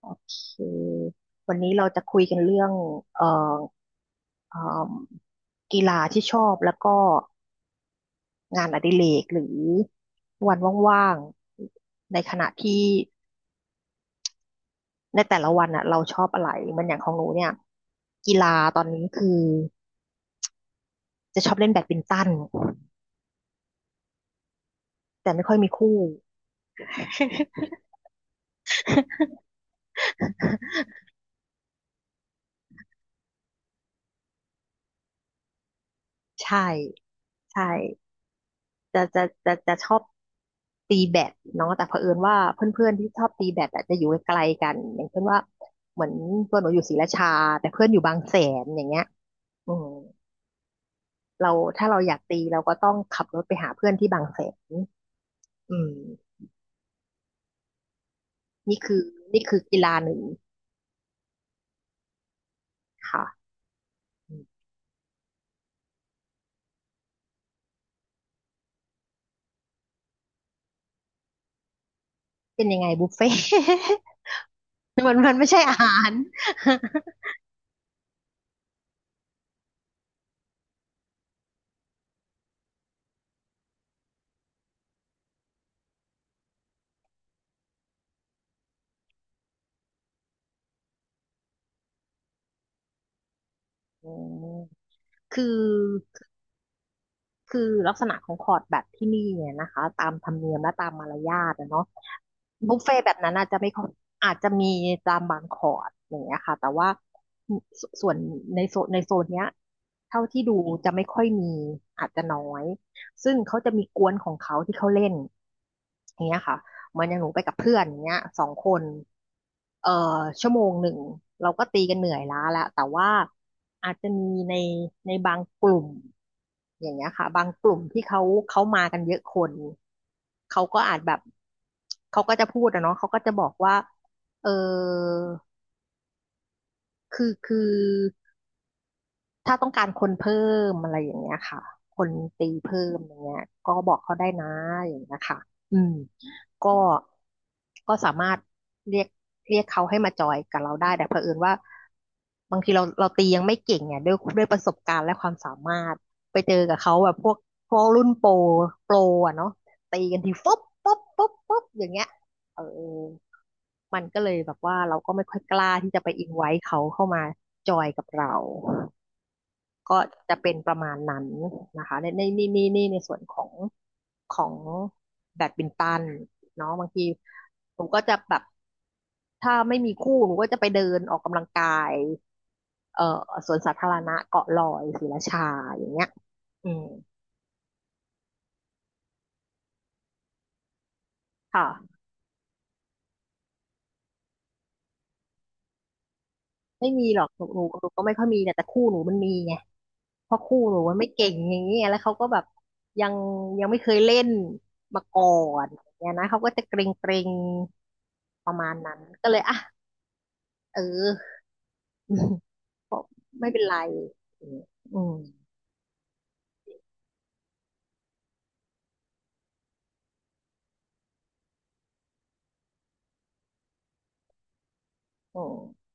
โอเควันนี้เราจะคุยกันเรื่องเอ่อเอ่มกีฬาที่ชอบแล้วก็งานอดิเรกหรือวันว่างๆ ในขณะที่ในแต่ละวันอ่ะเราชอบอะไรเหมันอย่างของหนูเนี่ยกีฬาตอนนี้คือจะชอบเล่นแบดมินตันแต่ไม่ค่อยมีคู่ ใช่ใช่ จะชอบตีแบดเนาะแต่เผอิญว่าเพื่อนๆที่ชอบตีแบดอะจะอยู่ไกลกันอย่างเช่นว่าเหมือนตัวหนูอยู่ศรีราชาแต่เพื่อนอยู่บางแสนอย่างเงี้ยอืมเราถ้าเราอยากตีเราก็ต้องขับรถไปหาเพื่อนที่บางแสนอืมนี่คือนี่คือกีฬาหนึ่งค่ะอืมเป็นยังไงบุฟเฟ่ต์ มันไม่ใช่อาหาร อืมคือ คือลักษณะของคอร์ดแบบที่นี่เนี่ยนะคะตามธรรมเนียมและตามมารยาทอะเนาะบุฟเฟ่ต์แบบนั้นอาจจะไม่ค่อยอาจจะมีตามบางคอร์ดอย่างเงี้ยค่ะแต่ว่าสส่วนในโซนเนี้ยเท่าที่ดูจะไม่ค่อยมีอาจจะน้อยซึ่งเขาจะมีกวนของเขาที่เขาเล่นอย่างเงี้ยค่ะ เหมือนอย่างหนูไปกับเพื่อนอย่างเงี้ย2 คนเอ่อ1 ชั่วโมงเราก็ตีกันเหนื่อยล้าแล้วแต่ว่าอาจจะมีในในบางกลุ่มอย่างเงี้ยค่ะบางกลุ่มที่เขามากันเยอะคนเขาก็อาจแบบเขาก็จะพูดอะเนาะเขาก็จะบอกว่าเออคือถ้าต้องการคนเพิ่มอะไรอย่างเงี้ยค่ะคนตีเพิ่มอย่างเงี้ยก็บอกเขาได้นะอย่างเงี้ยค่ะอืม ก็ก็สามารถเรียกเรียกเขาให้มาจอยกับเราได้แต่เผอิญว่าบางทีเราตียังไม่เก่งเนี่ยด้วยประสบการณ์และความสามารถไปเจอกับเขาแบบพวกรุ่นโปรโปรอ่ะเนาะตีกันทีฟุ๊บปุ๊บปุ๊บปุ๊บอย่างเงี้ยเออมันก็เลยแบบว่าเราก็ไม่ค่อยกล้าที่จะไปอินไว้เขาเข้ามาจอยกับเรา ก็จะเป็นประมาณนั้นนะคะในในนี่นี่นี่ในส่วนของแบดมินตันเนาะบางทีหนูก็จะแบบถ้าไม่มีคู่หนูก็จะไปเดินออกกำลังกายเอ่อสวนสาธารณะเกาะลอยศรีราชาอย่างเงี้ยอืมค่ะไม่มีหรอกหนูก็ไม่ค่อยมีแต่คู่หนูมันมีไงเพราะคู่หนูมันไม่เก่งอย่างเงี้ยแล้วเขาก็แบบยังยังไม่เคยเล่นมาก่อนอย่างเงี้ยนะเขาก็จะเกรงเกรงประมาณนั้นก็เลยอ่ะเออ อกไม่เป็นไรอมอืมอืม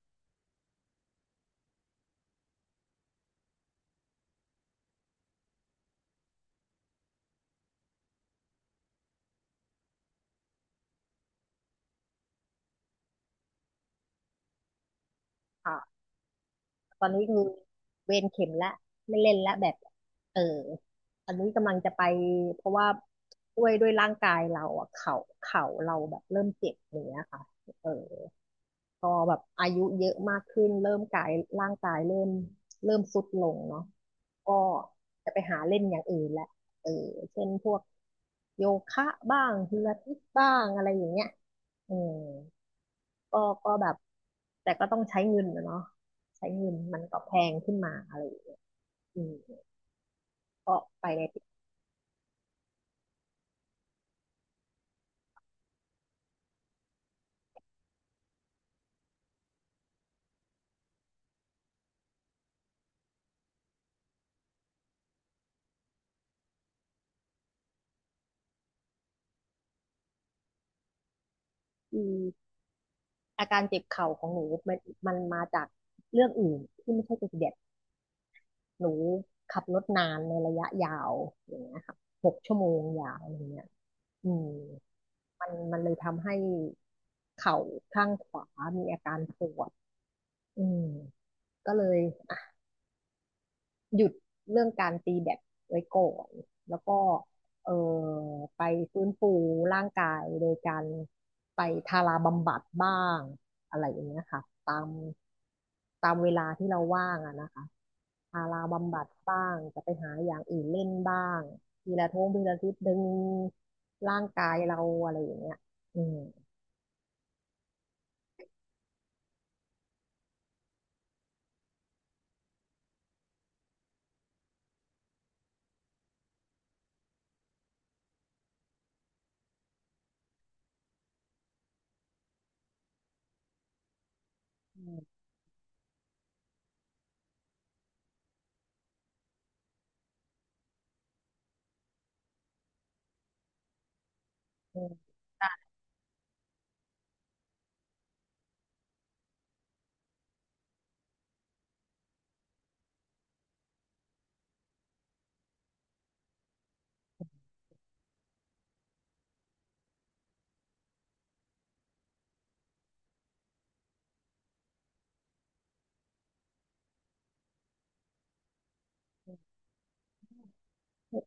ค่ะตอนนี้คือเวรเข็มละไม่เล่นละแบบเอออันนี้กำลังจะไปเพราะว่าด้วยร่างกายเราอะเข่าเราแบบเริ่มเจ็บอย่างเนี้ยค่ะเออพอแบบอายุเยอะมากขึ้นเริ่มกายร่างกายเริ่มทรุดลงเนาะก็จะไปหาเล่นอย่างอื่นแหละเออเช่นพวกโยคะบ้างพิลาทิสบ้างอะไรอย่างเงี้ยอืม ก็ก็แบบแต่ก็ต้องใช้เงินนะเนาะใช้เงินมันก็แพงขึ้นมาอะไรอย่างเงี้ยอืมก็ไปในทิศที่อาการเจ็บเข่าของหนูมันมันมาจากเรื่องอื่นที่ไม่ใช่เจ็บติเด็ดหนูขับรถนานในระยะยาวอย่างเงี้ยค่ะ6 ชั่วโมงยาวอย่างเงี้ยอืมมันเลยทำให้เข่าข้างขวามีอาการปวดอืมก็เลย หยุดเรื่องการตีแบตไว้ก่อนแล้วก็เออไปฟื้นฟูร่างกายโดยการไปทาราบำบัดบ้างอะไรอย่างเงี้ยค่ะตามตามเวลาที่เราว่างอะนะคะทาราบำบัดบ้างจะไปหาอย่างอื่นเล่นบ้างทีละท่วงทีละทิศดึงร่างกายเราอะไรอย่างเงี้ยอืมอืมอืม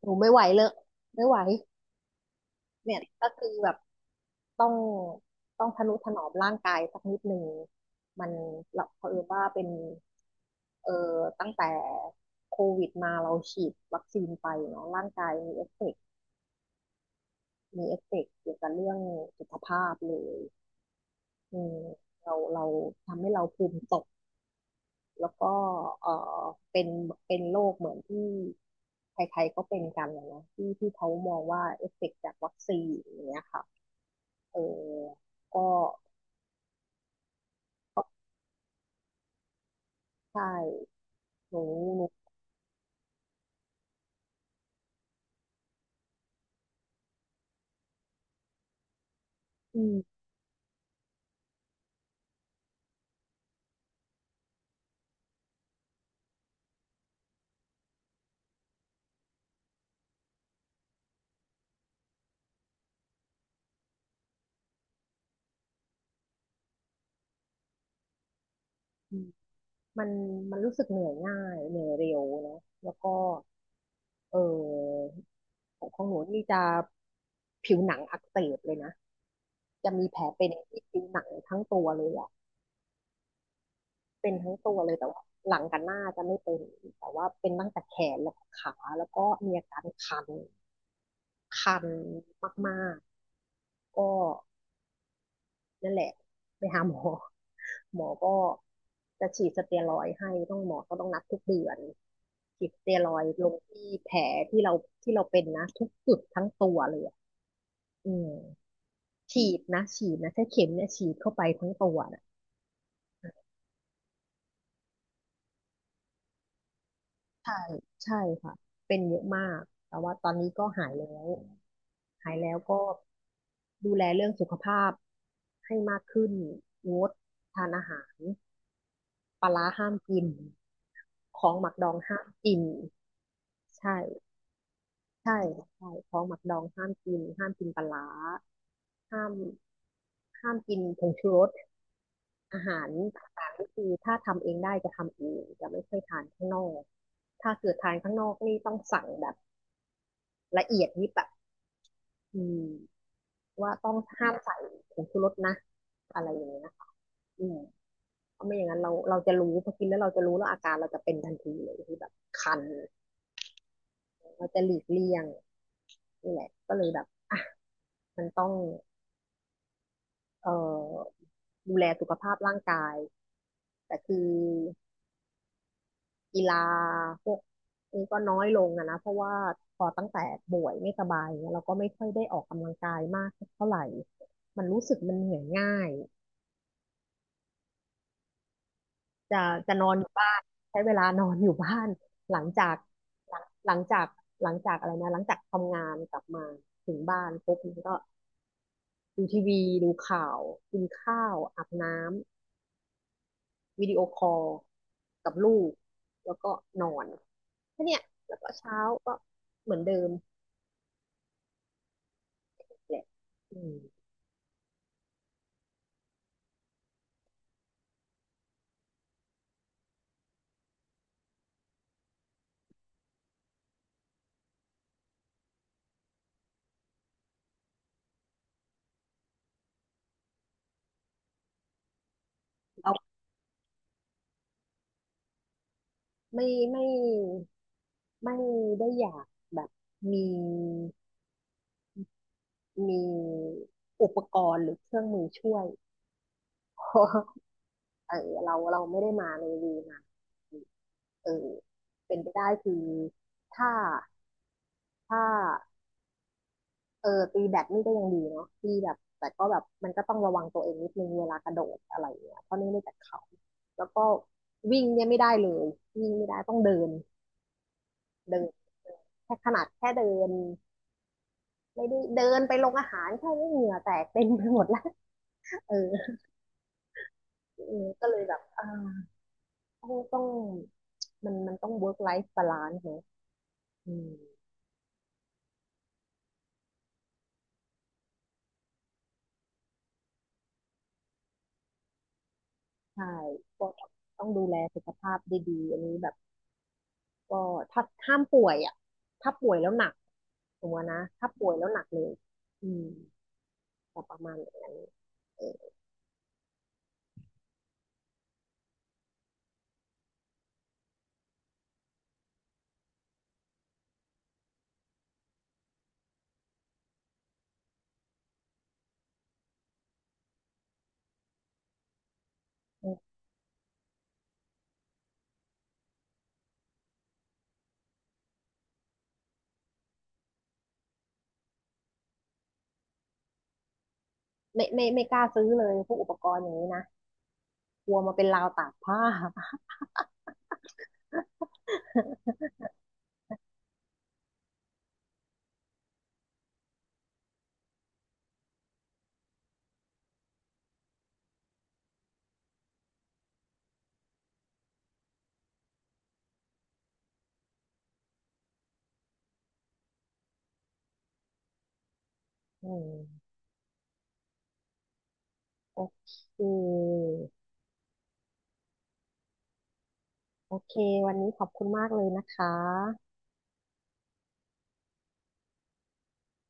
หนูไม่ไหวเลยไม่ไหว เนี่ยก็คือแบบต้องต้องทนุถนอมร่างกายสักนิดหนึ่งมันเราเผอิญว่าเป็นเออตั้งแต่โควิดมาเราฉีดวัคซีนไปเนาะร่างกายมีเอฟเฟกต์มีเอฟเฟกต์เกี่ยวกับเรื่องสุขภาพเลยอืมเราทำให้เราภูมิตกแล้วก็เออเป็นเป็นโรคเหมือนที่ใครๆก็เป็นกันนะที่เขามองว่าเอฟเฟกต์จากวัคซีนอย่างเงี้ยค่ะเออก็ ใช่หนูหนูอืมอืมมันมันรู้สึกเหนื่อยง่ายเหนื่อยเร็วเนาะแล้วก็เออของหนูนี่จะผิวหนังอักเสบเลยนะจะมีแผลเป็นที่ผิวหนังทั้งตัวเลยอะเป็นทั้งตัวเลยแต่ว่าหลังกับหน้าจะไม่เป็นแต่ว่าเป็นตั้งแต่แขนแล้วก็ขาแล้วก็มีอาการคันคันมากๆก็ นั่นแหละไปหาหมอ หมอก็จะฉีดสเตียรอยด์ให้ต้องหมอก็ต้องนัดทุกเดือนฉีดสเตียรอยด์ลงที่แผลที่เราที่เราเป็นนะทุกจุดทั้งตัวเลยอะอืมฉีดนะฉีดนะใช้เข็มเนี่ยฉีดเข้าไปทั้งตัวนะใช่ใช่ค่ะเป็นเยอะมากแต่ว่าตอนนี้ก็หายแล้วหายแล้วก็ดูแลเรื่องสุขภาพให้มากขึ้นงดทานอาหาร ปลาร้าห้ามกินของหมักดองห้ามกิน ใช่ใช่ใช่ของหมักดองห้ามกิน ห้ามกินปลาร้าห้ามห้ามกินผงชูรสอาหารต่างๆก็คือถ้าทำเองได้จะทำเองจะไม่ค่อยทานข้างนอกถ้าเกิดทานข้างนอกนี่ต้องสั่งแบบละเอียดยิบแบบอืมว่าต้องห้ามใส่ผงชูรสนะอะไรอย่างเงี้ยนะคะอืมเพราะไม่อย่างนั้นเราจะรู้พอกินแล้วเราจะรู้แล้วอาการเราจะเป็นทันทีเลยคือแบบคัน เราจะหลีกเลี่ยงนี่แหละก็เลยแบบอ่ะมันต้องเอ่อดูแลสุขภาพร่างกายแต่คือกีฬาพวกนี้ก็น้อยลงอะนะเพราะว่าพอตั้งแต่ป่วยไม่สบายเนี่ยเราก็ไม่ค่อยได้ออกกำลังกายมากเท่าไหร่มันรู้สึกมันเหนื่อยง่ายจะจะนอนอยู่บ้านใช้เวลานอนอยู่บ้านหลังจากหลังจากหลังจากอะไรนะหลังจากทำงานกลับมาถึงบ้านปุ๊บมันก็ ดูทีวีดูข่าวกินข้าวอาบน้ำวิดีโอคอลกับลูกแล้วก็นอนแค่เนี้ยแล้วก็เช้าก็เหมือนเดิมแหละอืมเราไม่ไม่ไม่ได้อยากแบบมีมีอุปกรณ์หรือเครื่องมือช่วย เพราะเออเราไม่ได้มาในวีนะเออเป็นไปได้คือถ้าถ้า เออตีแบดนี่ก็ยังดีเนาะที่แบบแต่ก็แบบมันก็ต้องระวังตัวเองนิดนึงเวลากระโดดอะไรเงี้ยเพราะนี่ไม่แต่เขาแล้วก็วิ่งเนี่ยไม่ได้เลยวิ่งไม่ได้ต้องเดินเดินแค่ขนาดแค่เดินไม่ได้เดินไปลงอาหารแค่นี้เหงื่อแตกเต็มไปหมดแล้ว เออเออก็เลยแบบอ่าต้องมันต้อง work life balance เนอะอืมใช่ก็ต้องดูแลสุขภาพดีๆอันนี้แบบ ก็ถ้าห้ามป่วยอ่ะถ้าป่วยแล้วหนักสมมตินะถ้าป่วยแล้วหนักเลยอืมแต่ประมาณอย่างนั้นเออไม่ไม่กล้าซื้อเลยพวกอุปกรณ์อย่างนี้นะกลัวมาเป็นราวตากผ้า อืมโอเคโอเควันนี้ขอบคุณมากเลยนะคะ